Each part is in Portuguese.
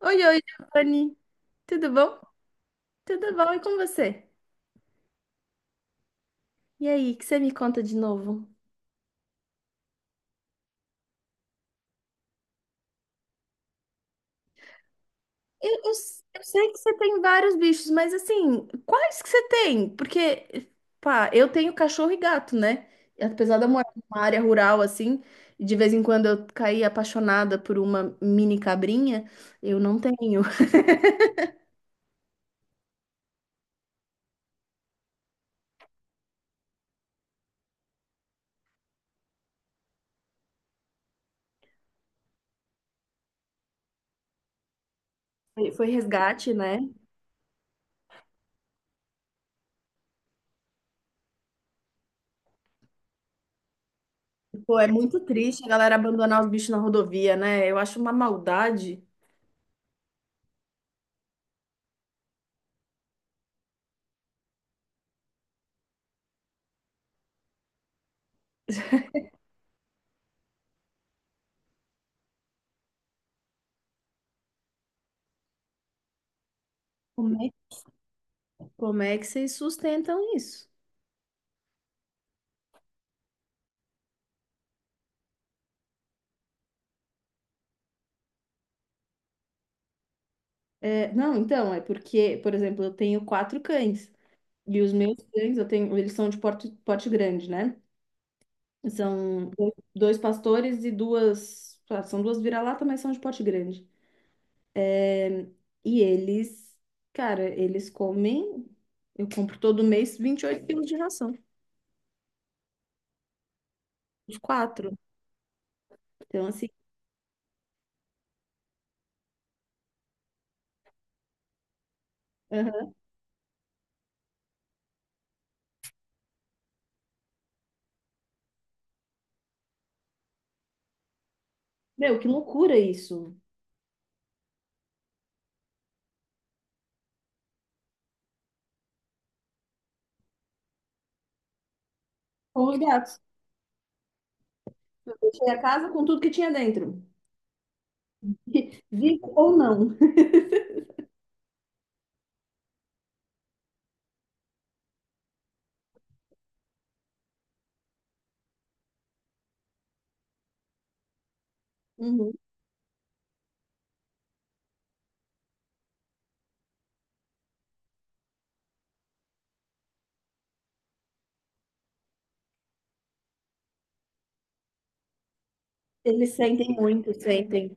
Oi, oi, Giovanni. Tudo bom? Tudo bom? E com você? E aí, o que você me conta de novo? Eu eu sei que você tem vários bichos, mas assim, quais que você tem? Porque, pá, eu tenho cachorro e gato, né? E apesar de eu morar numa área rural, assim, e de vez em quando eu caí apaixonada por uma mini cabrinha, eu não tenho. Foi, foi resgate, né? Pô, é muito triste a galera abandonar os bichos na rodovia, né? Eu acho uma maldade. Como é, como é que vocês sustentam isso? É, não, então, é porque, por exemplo, eu tenho quatro cães. E os meus cães, eu tenho, eles são de porte, porte grande, né? São dois pastores e duas. São duas vira-lata, mas são de porte grande. É, E eles, cara, eles comem. Eu compro todo mês 28 quilos de ração. Os quatro. Então, assim. Aham. Meu, que loucura isso. Com os gatos. Eu deixei a casa com tudo que tinha dentro. Vivo ou não. Uhum. Eles sentem muito, sentem.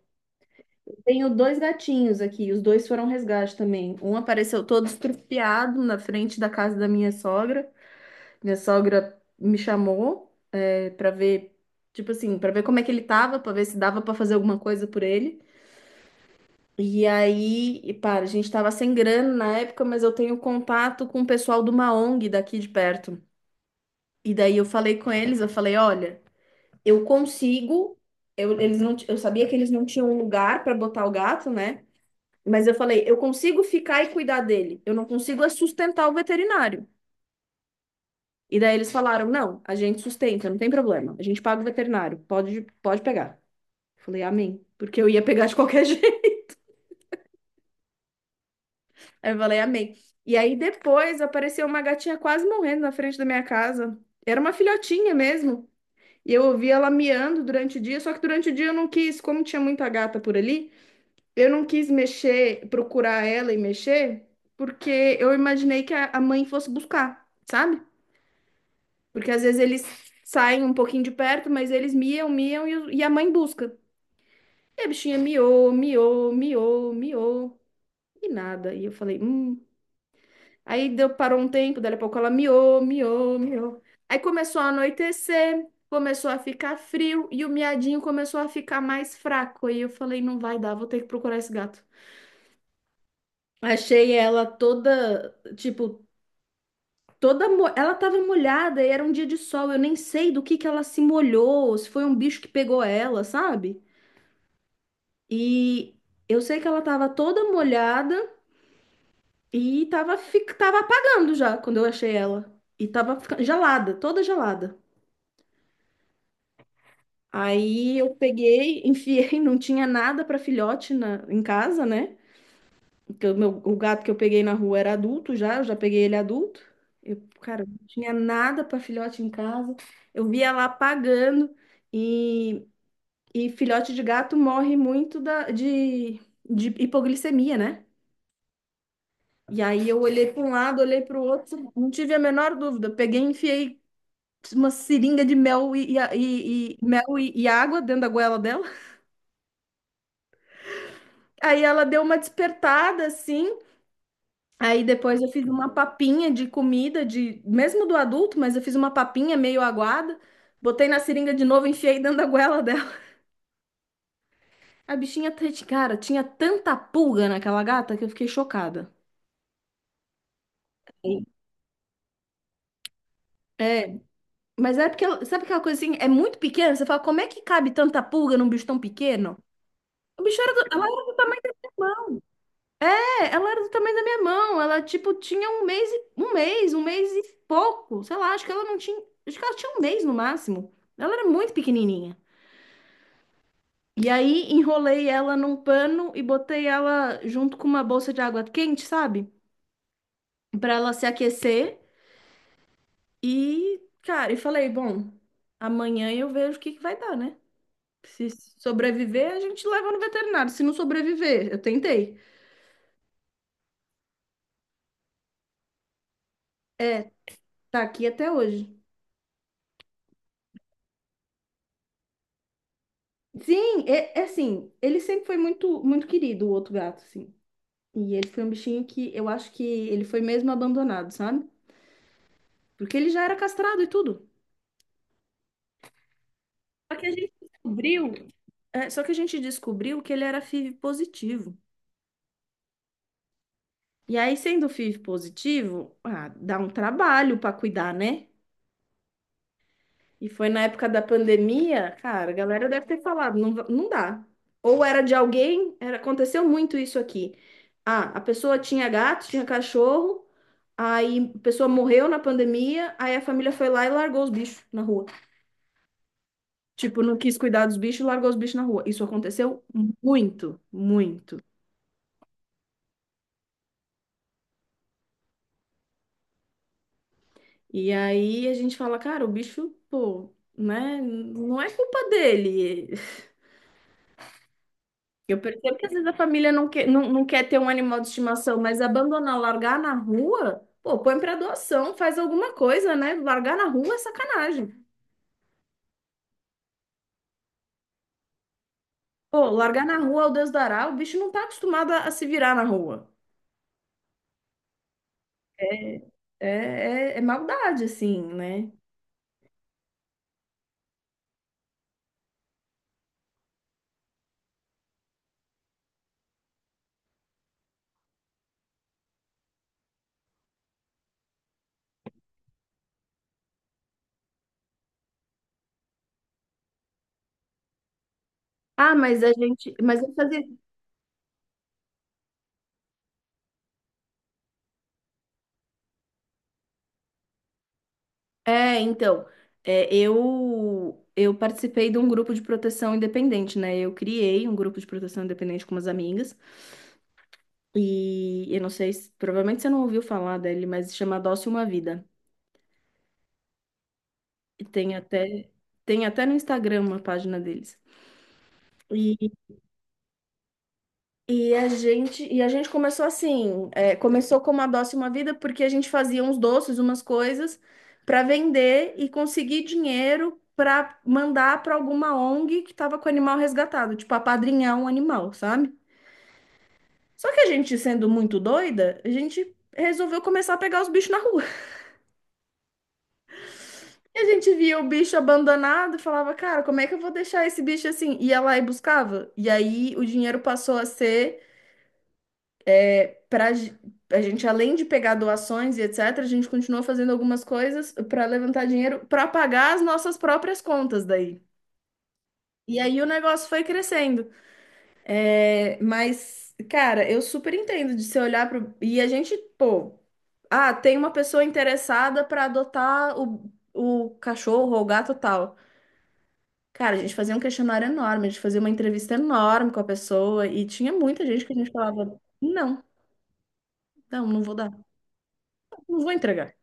Tenho dois gatinhos aqui, os dois foram resgate também. Um apareceu todo estrupiado na frente da casa da minha sogra. Minha sogra me chamou para ver, tipo assim, para ver como é que ele tava, para ver se dava para fazer alguma coisa por ele. E aí, e para, a gente tava sem grana na época, mas eu tenho contato com o pessoal de uma ONG daqui de perto. E daí eu falei com eles, eu falei, olha, eu consigo, eles não, eu sabia que eles não tinham um lugar para botar o gato, né? Mas eu falei, eu consigo ficar e cuidar dele. Eu não consigo é sustentar o veterinário. E daí eles falaram, não, a gente sustenta, não tem problema. A gente paga o veterinário, pode pegar. Eu falei, amém. Porque eu ia pegar de qualquer jeito. Aí eu falei, amém. E aí depois apareceu uma gatinha quase morrendo na frente da minha casa. Era uma filhotinha mesmo. E eu ouvi ela miando durante o dia, só que durante o dia eu não quis, como tinha muita gata por ali, eu não quis mexer, procurar ela e mexer, porque eu imaginei que a mãe fosse buscar, sabe? Porque às vezes eles saem um pouquinho de perto, mas eles miam, miam e, e a mãe busca. E a bichinha miou, miou, miou, miou e nada. E eu falei. Aí deu, parou um tempo, daí a pouco ela miou, miou, miou. Aí começou a anoitecer, começou a ficar frio e o miadinho começou a ficar mais fraco. Aí eu falei, não vai dar, vou ter que procurar esse gato. Achei ela toda, tipo, Ela tava molhada e era um dia de sol. Eu nem sei do que ela se molhou, se foi um bicho que pegou ela, sabe? E eu sei que ela tava toda molhada e tava, tava apagando já quando eu achei ela. E tava gelada, toda gelada. Aí eu peguei, enfiei, não tinha nada para filhote em casa, né? Porque o gato que eu peguei na rua era adulto já, eu já peguei ele adulto. Eu, cara, não tinha nada para filhote em casa. Eu via lá pagando e, e filhote de gato morre muito de hipoglicemia, né? E aí eu olhei para um lado, olhei para o outro, não tive a menor dúvida. Peguei, e enfiei uma seringa de mel mel e água dentro da goela dela. Aí ela deu uma despertada assim. Aí depois eu fiz uma papinha de comida, de mesmo do adulto, mas eu fiz uma papinha meio aguada, botei na seringa de novo, enfiei dentro da goela dela. A bichinha, tá- cara, tinha tanta pulga naquela gata que eu fiquei chocada. Sim. É, mas é porque, sabe aquela coisa assim, é muito pequena, você fala, como é que cabe tanta pulga num bicho tão pequeno? O bicho era do, ela era do tamanho da minha mão, é, ela era do tamanho da minha mão, ela, tipo, tinha um mês e pouco, sei lá, acho que ela tinha um mês no máximo, ela era muito pequenininha. E aí enrolei ela num pano e botei ela junto com uma bolsa de água quente, sabe? Pra ela se aquecer. E, cara, e falei, bom, amanhã eu vejo o que que vai dar, né? Se sobreviver, a gente leva no veterinário. Se não sobreviver, eu tentei. Tá aqui até hoje. Sim, é, é assim, ele sempre foi muito, muito querido, o outro gato, assim. E ele foi um bichinho que eu acho que ele foi mesmo abandonado, sabe? Porque ele já era castrado e tudo. Só que a gente descobriu É, só que a gente descobriu que ele era FIV positivo. E aí, sendo FIV positivo, ah, dá um trabalho para cuidar, né? E foi na época da pandemia, cara, a galera deve ter falado, não, não dá. Ou era de alguém, era, aconteceu muito isso aqui. Ah, a pessoa tinha gato, tinha cachorro, aí a pessoa morreu na pandemia, aí a família foi lá e largou os bichos na rua. Tipo, não quis cuidar dos bichos, largou os bichos na rua. Isso aconteceu muito, muito. E aí a gente fala, cara, o bicho, pô, né? Não é culpa dele. Eu percebo que às vezes a família não quer, não quer ter um animal de estimação, mas abandonar, largar na rua, pô, põe pra doação, faz alguma coisa, né? Largar na rua é sacanagem. Pô, largar na rua, o Deus dará, o bicho não tá acostumado a se virar na rua. É, é, é maldade, assim, né? Ah, mas a gente. Mas eu fazia. É, então, é, eu participei de um grupo de proteção independente, né? Eu criei um grupo de proteção independente com umas amigas e eu não sei se, provavelmente você não ouviu falar dele, mas se chama Adoce Uma Vida. E tem até tem até no Instagram uma página deles. E a gente começou assim, é, começou como a Doce Uma Vida, porque a gente fazia uns doces, umas coisas para vender e conseguir dinheiro para mandar para alguma ONG que estava com o animal resgatado, tipo apadrinhar um animal, sabe? Só que a gente, sendo muito doida, a gente resolveu começar a pegar os bichos na rua. E a gente via o bicho abandonado e falava, cara, como é que eu vou deixar esse bicho assim? Ia lá e buscava. E aí o dinheiro passou a ser para a gente, além de pegar doações e etc., a gente continua fazendo algumas coisas para levantar dinheiro para pagar as nossas próprias contas daí. E aí o negócio foi crescendo. É, mas, cara, eu super entendo de você olhar pro. E a gente, pô, ah, tem uma pessoa interessada para adotar o cachorro ou o gato tal. Cara, a gente fazia um questionário enorme, a gente fazia uma entrevista enorme com a pessoa e tinha muita gente que a gente falava, não, não vou dar, não vou entregar.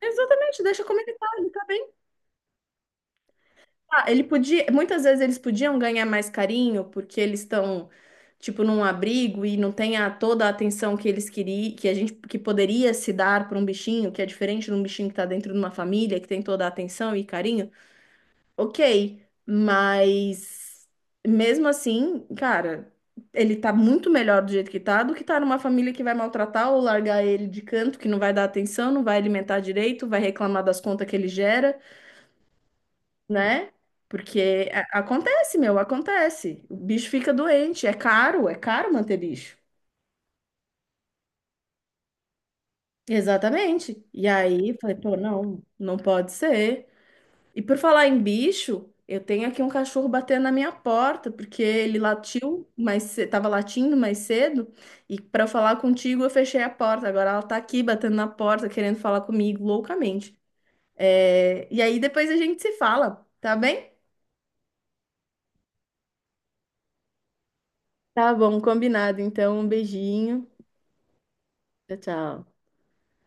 Exatamente, deixa como ele tá bem. Ah, ele podia, muitas vezes eles podiam ganhar mais carinho porque eles estão tipo num abrigo e não tem a, toda a atenção que eles queriam, que a gente que poderia se dar para um bichinho, que é diferente de um bichinho que tá dentro de uma família, que tem toda a atenção e carinho. OK, mas mesmo assim, cara, ele tá muito melhor do jeito que tá do que tá numa família que vai maltratar ou largar ele de canto, que não vai dar atenção, não vai alimentar direito, vai reclamar das contas que ele gera. Né? Porque acontece, meu, acontece. O bicho fica doente, é caro manter bicho. Exatamente. E aí, falei, pô, não pode ser. E por falar em bicho, eu tenho aqui um cachorro batendo na minha porta, porque ele latiu, mas tava latindo mais cedo, e para falar contigo eu fechei a porta. Agora ela tá aqui batendo na porta, querendo falar comigo loucamente. É, e aí depois a gente se fala, tá bem? Tá bom, combinado. Então, um beijinho. Tchau, tchau.